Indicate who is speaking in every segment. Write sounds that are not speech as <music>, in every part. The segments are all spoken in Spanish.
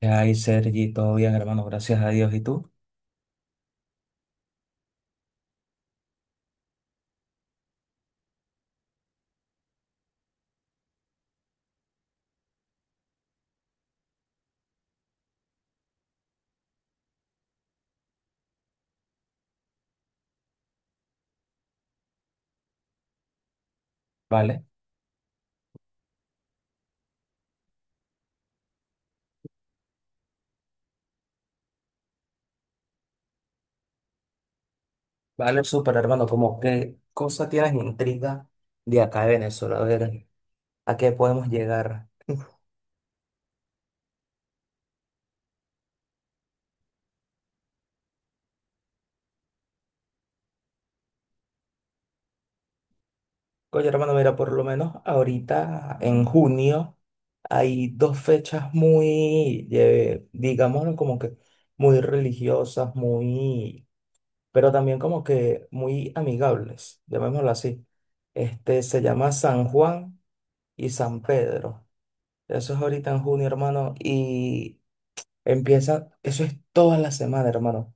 Speaker 1: Ay, Sergi, todo bien, hermano, gracias a Dios. ¿Y tú? Vale, vale, súper, hermano. ¿Cómo qué cosa tienes intriga de acá de Venezuela? A ver, ¿a qué podemos llegar? Oye, hermano, mira, por lo menos ahorita en junio hay dos fechas muy, digámoslo, como que muy religiosas, muy, pero también como que muy amigables, llamémoslo así. Este se llama San Juan y San Pedro. Eso es ahorita en junio, hermano, y empieza, eso es toda la semana, hermano,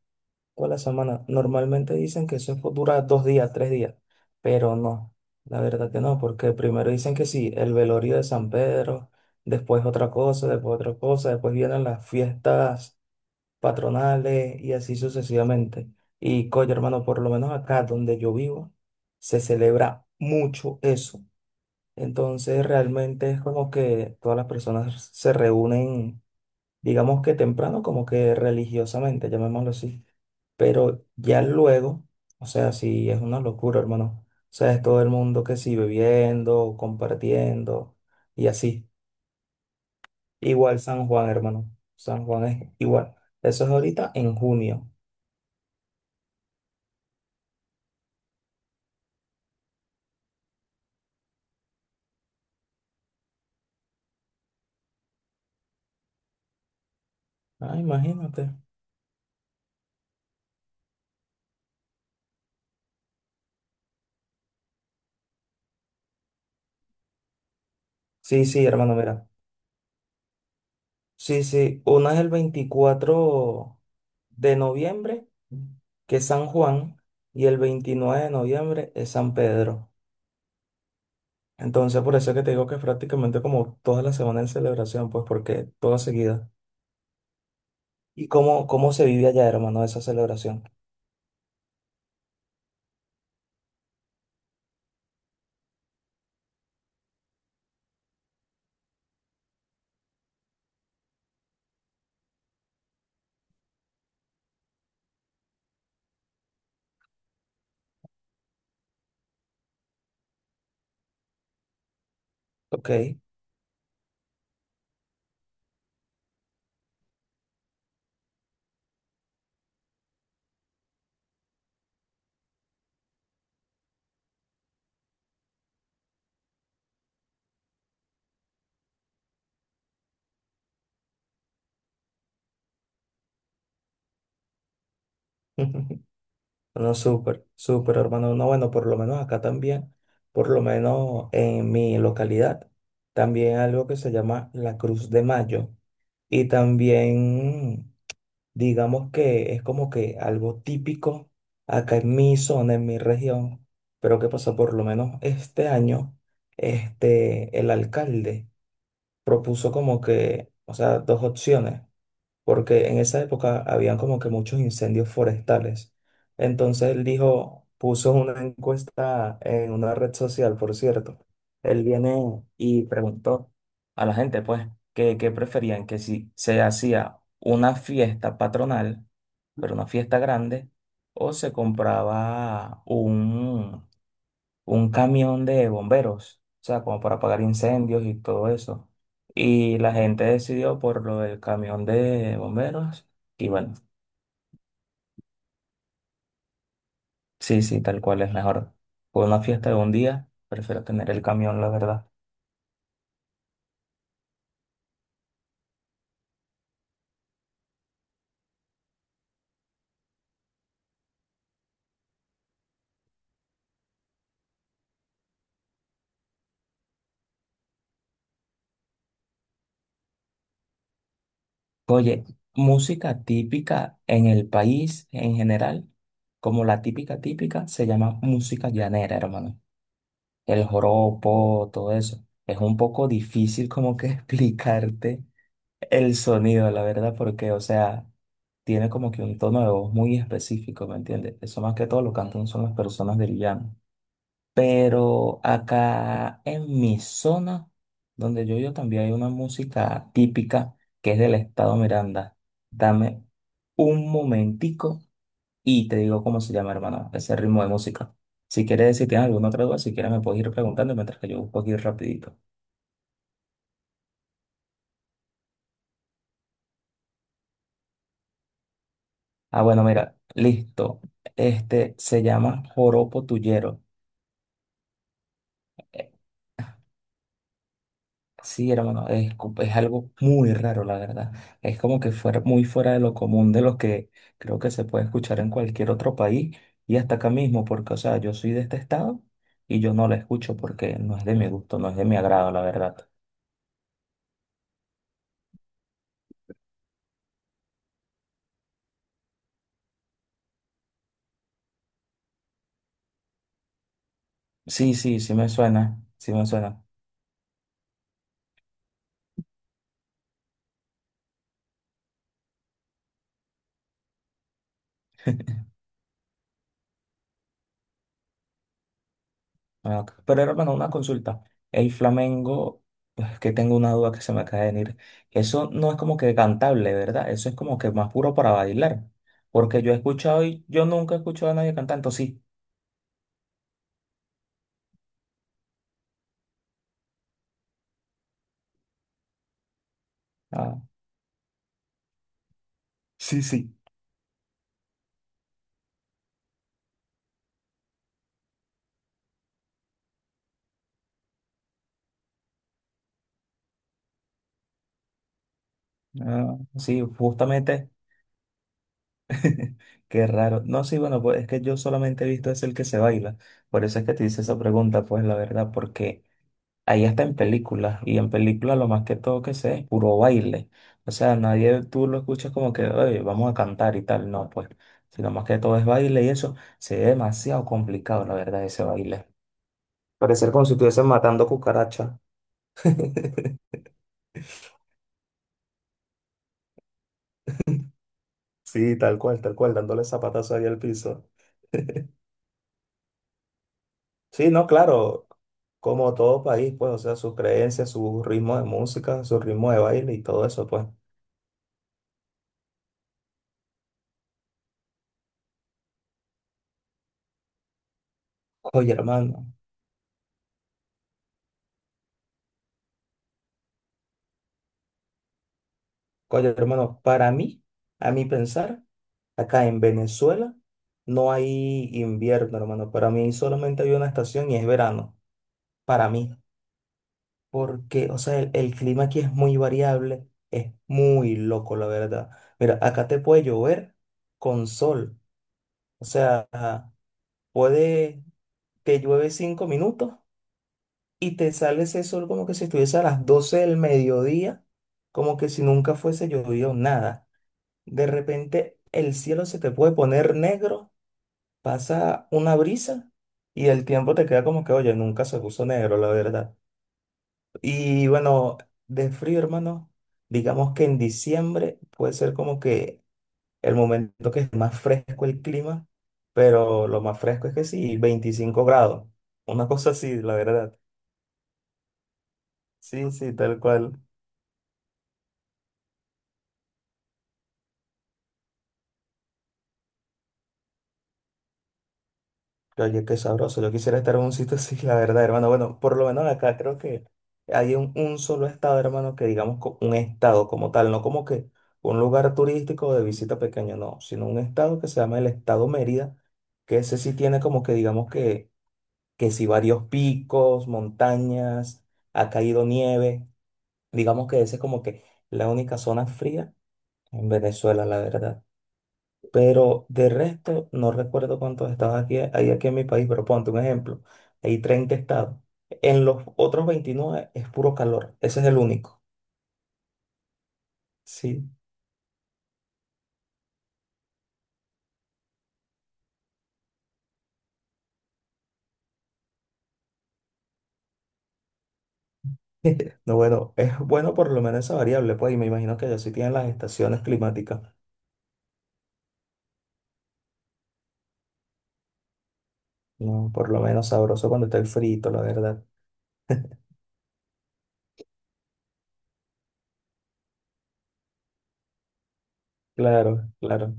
Speaker 1: toda la semana. Normalmente dicen que dura 2 días, 3 días, pero no, la verdad que no, porque primero dicen que sí, el velorio de San Pedro, después otra cosa, después otra cosa, después vienen las fiestas patronales y así sucesivamente. Y coño, hermano, por lo menos acá donde yo vivo, se celebra mucho eso. Entonces realmente es como que todas las personas se reúnen, digamos que temprano, como que religiosamente, llamémoslo así. Pero ya luego, o sea, sí es una locura, hermano. O sea, es todo el mundo que sí bebiendo, compartiendo y así. Igual San Juan, hermano. San Juan es igual. Eso es ahorita en junio. Ah, imagínate. Sí, sí, hermano, mira. Sí, sí, una es el 24 de noviembre, que es San Juan, y el 29 de noviembre es San Pedro. Entonces, por eso es que te digo que es prácticamente como toda la semana en celebración, pues porque toda seguida. ¿Y cómo se vive allá, hermano, esa celebración? Ok. <laughs> No, súper, hermano. No, bueno, por lo menos acá también, por lo menos en mi localidad, también algo que se llama la Cruz de Mayo. Y también digamos que es como que algo típico acá en mi zona, en mi región, pero que pasó por lo menos este año, este, el alcalde propuso como que, o sea, dos opciones porque en esa época habían como que muchos incendios forestales. Entonces él dijo, puso una encuesta en una red social, por cierto. Él viene y preguntó a la gente, pues, que preferían que si se hacía una fiesta patronal, pero una fiesta grande, o se compraba un camión de bomberos, o sea, como para apagar incendios y todo eso. Y la gente decidió por lo del camión de bomberos. Y bueno, sí, sí, tal cual es mejor. Por una fiesta de un día, prefiero tener el camión, la verdad. Oye, música típica en el país en general, como la típica típica, se llama música llanera, hermano. El joropo, todo eso. Es un poco difícil como que <laughs> explicarte el sonido, la verdad, porque, o sea, tiene como que un tono de voz muy específico, ¿me entiendes? Eso más que todo lo cantan son las personas del llano. Pero acá en mi zona, donde yo vivo, también hay una música típica que es del estado Miranda. Dame un momentico y te digo cómo se llama, hermano, ese ritmo de música. Si quieres, si tienes alguna otra duda, si quieres me puedes ir preguntando mientras que yo busco aquí rapidito. Ah, bueno, mira, listo. Este se llama joropo tuyero. Eh, Sí, hermano, es algo muy raro, la verdad. Es como que fuera muy fuera de lo común de lo que creo que se puede escuchar en cualquier otro país y hasta acá mismo, porque, o sea, yo soy de este estado y yo no la escucho porque no es de mi gusto, no es de mi agrado, la verdad. Sí, sí, sí me suena, sí me suena. Ah, ok. Pero hermano, una consulta. El flamenco, pues que tengo una duda que se me acaba de venir. Eso no es como que cantable, ¿verdad? Eso es como que más puro para bailar. Porque yo he escuchado y yo nunca he escuchado a nadie cantando, sí. Ah, sí, sí. Ah, sí, justamente. <laughs> Qué raro. No, sí, bueno, pues es que yo solamente he visto es el que se baila. Por eso es que te hice esa pregunta, pues la verdad, porque ahí hasta en películas, y en películas lo más que todo que sé es puro baile. O sea, nadie tú lo escuchas como que, oye, vamos a cantar y tal, no, pues, sino más que todo es baile y eso se ve demasiado complicado, la verdad, ese baile. Parecer como si estuviesen matando cucarachas. <laughs> Sí, tal cual, dándole zapatazo ahí al piso. <laughs> Sí, no, claro, como todo país, pues, o sea, sus creencias, su ritmo de música, su ritmo de baile y todo eso, pues. Oye, hermano, oye, hermano, para mí, a mi pensar, acá en Venezuela no hay invierno, hermano. Para mí solamente hay una estación y es verano. Para mí. Porque, o sea, el clima aquí es muy variable. Es muy loco, la verdad. Mira, acá te puede llover con sol. O sea, puede, te llueve 5 minutos y te sale ese sol como que si estuviese a las 12 del mediodía, como que si nunca fuese llovido nada. De repente el cielo se te puede poner negro, pasa una brisa y el tiempo te queda como que, oye, nunca se puso negro, la verdad. Y bueno, de frío, hermano, digamos que en diciembre puede ser como que el momento que es más fresco el clima, pero lo más fresco es que sí, 25 grados, una cosa así, la verdad. Sí, sí, tal cual. Oye, qué sabroso. Yo quisiera estar en un sitio así, la verdad, hermano. Bueno, por lo menos acá creo que hay un solo estado, hermano, que digamos un estado como tal, no como que un lugar turístico de visita pequeño, no, sino un estado que se llama el estado Mérida, que ese sí tiene como que digamos que sí varios picos, montañas, ha caído nieve. Digamos que ese es como que la única zona fría en Venezuela, la verdad. Pero de resto, no recuerdo cuántos hay aquí en mi país, pero ponte un ejemplo. Hay 30 estados. En los otros 29 es puro calor. Ese es el único. Sí. <laughs> No, bueno, es bueno por lo menos esa variable, pues, y me imagino que allá sí tienen las estaciones climáticas. No, por lo menos sabroso cuando está el frito, la verdad. Claro, claro.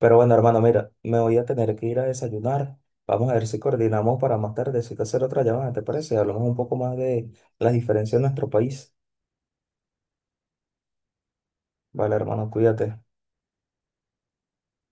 Speaker 1: Pero bueno, hermano, mira, me voy a tener que ir a desayunar. Vamos a ver si coordinamos para más tardecito hacer otra llamada, ¿te parece? Hablamos un poco más de las diferencias en nuestro país. Vale, hermano, cuídate.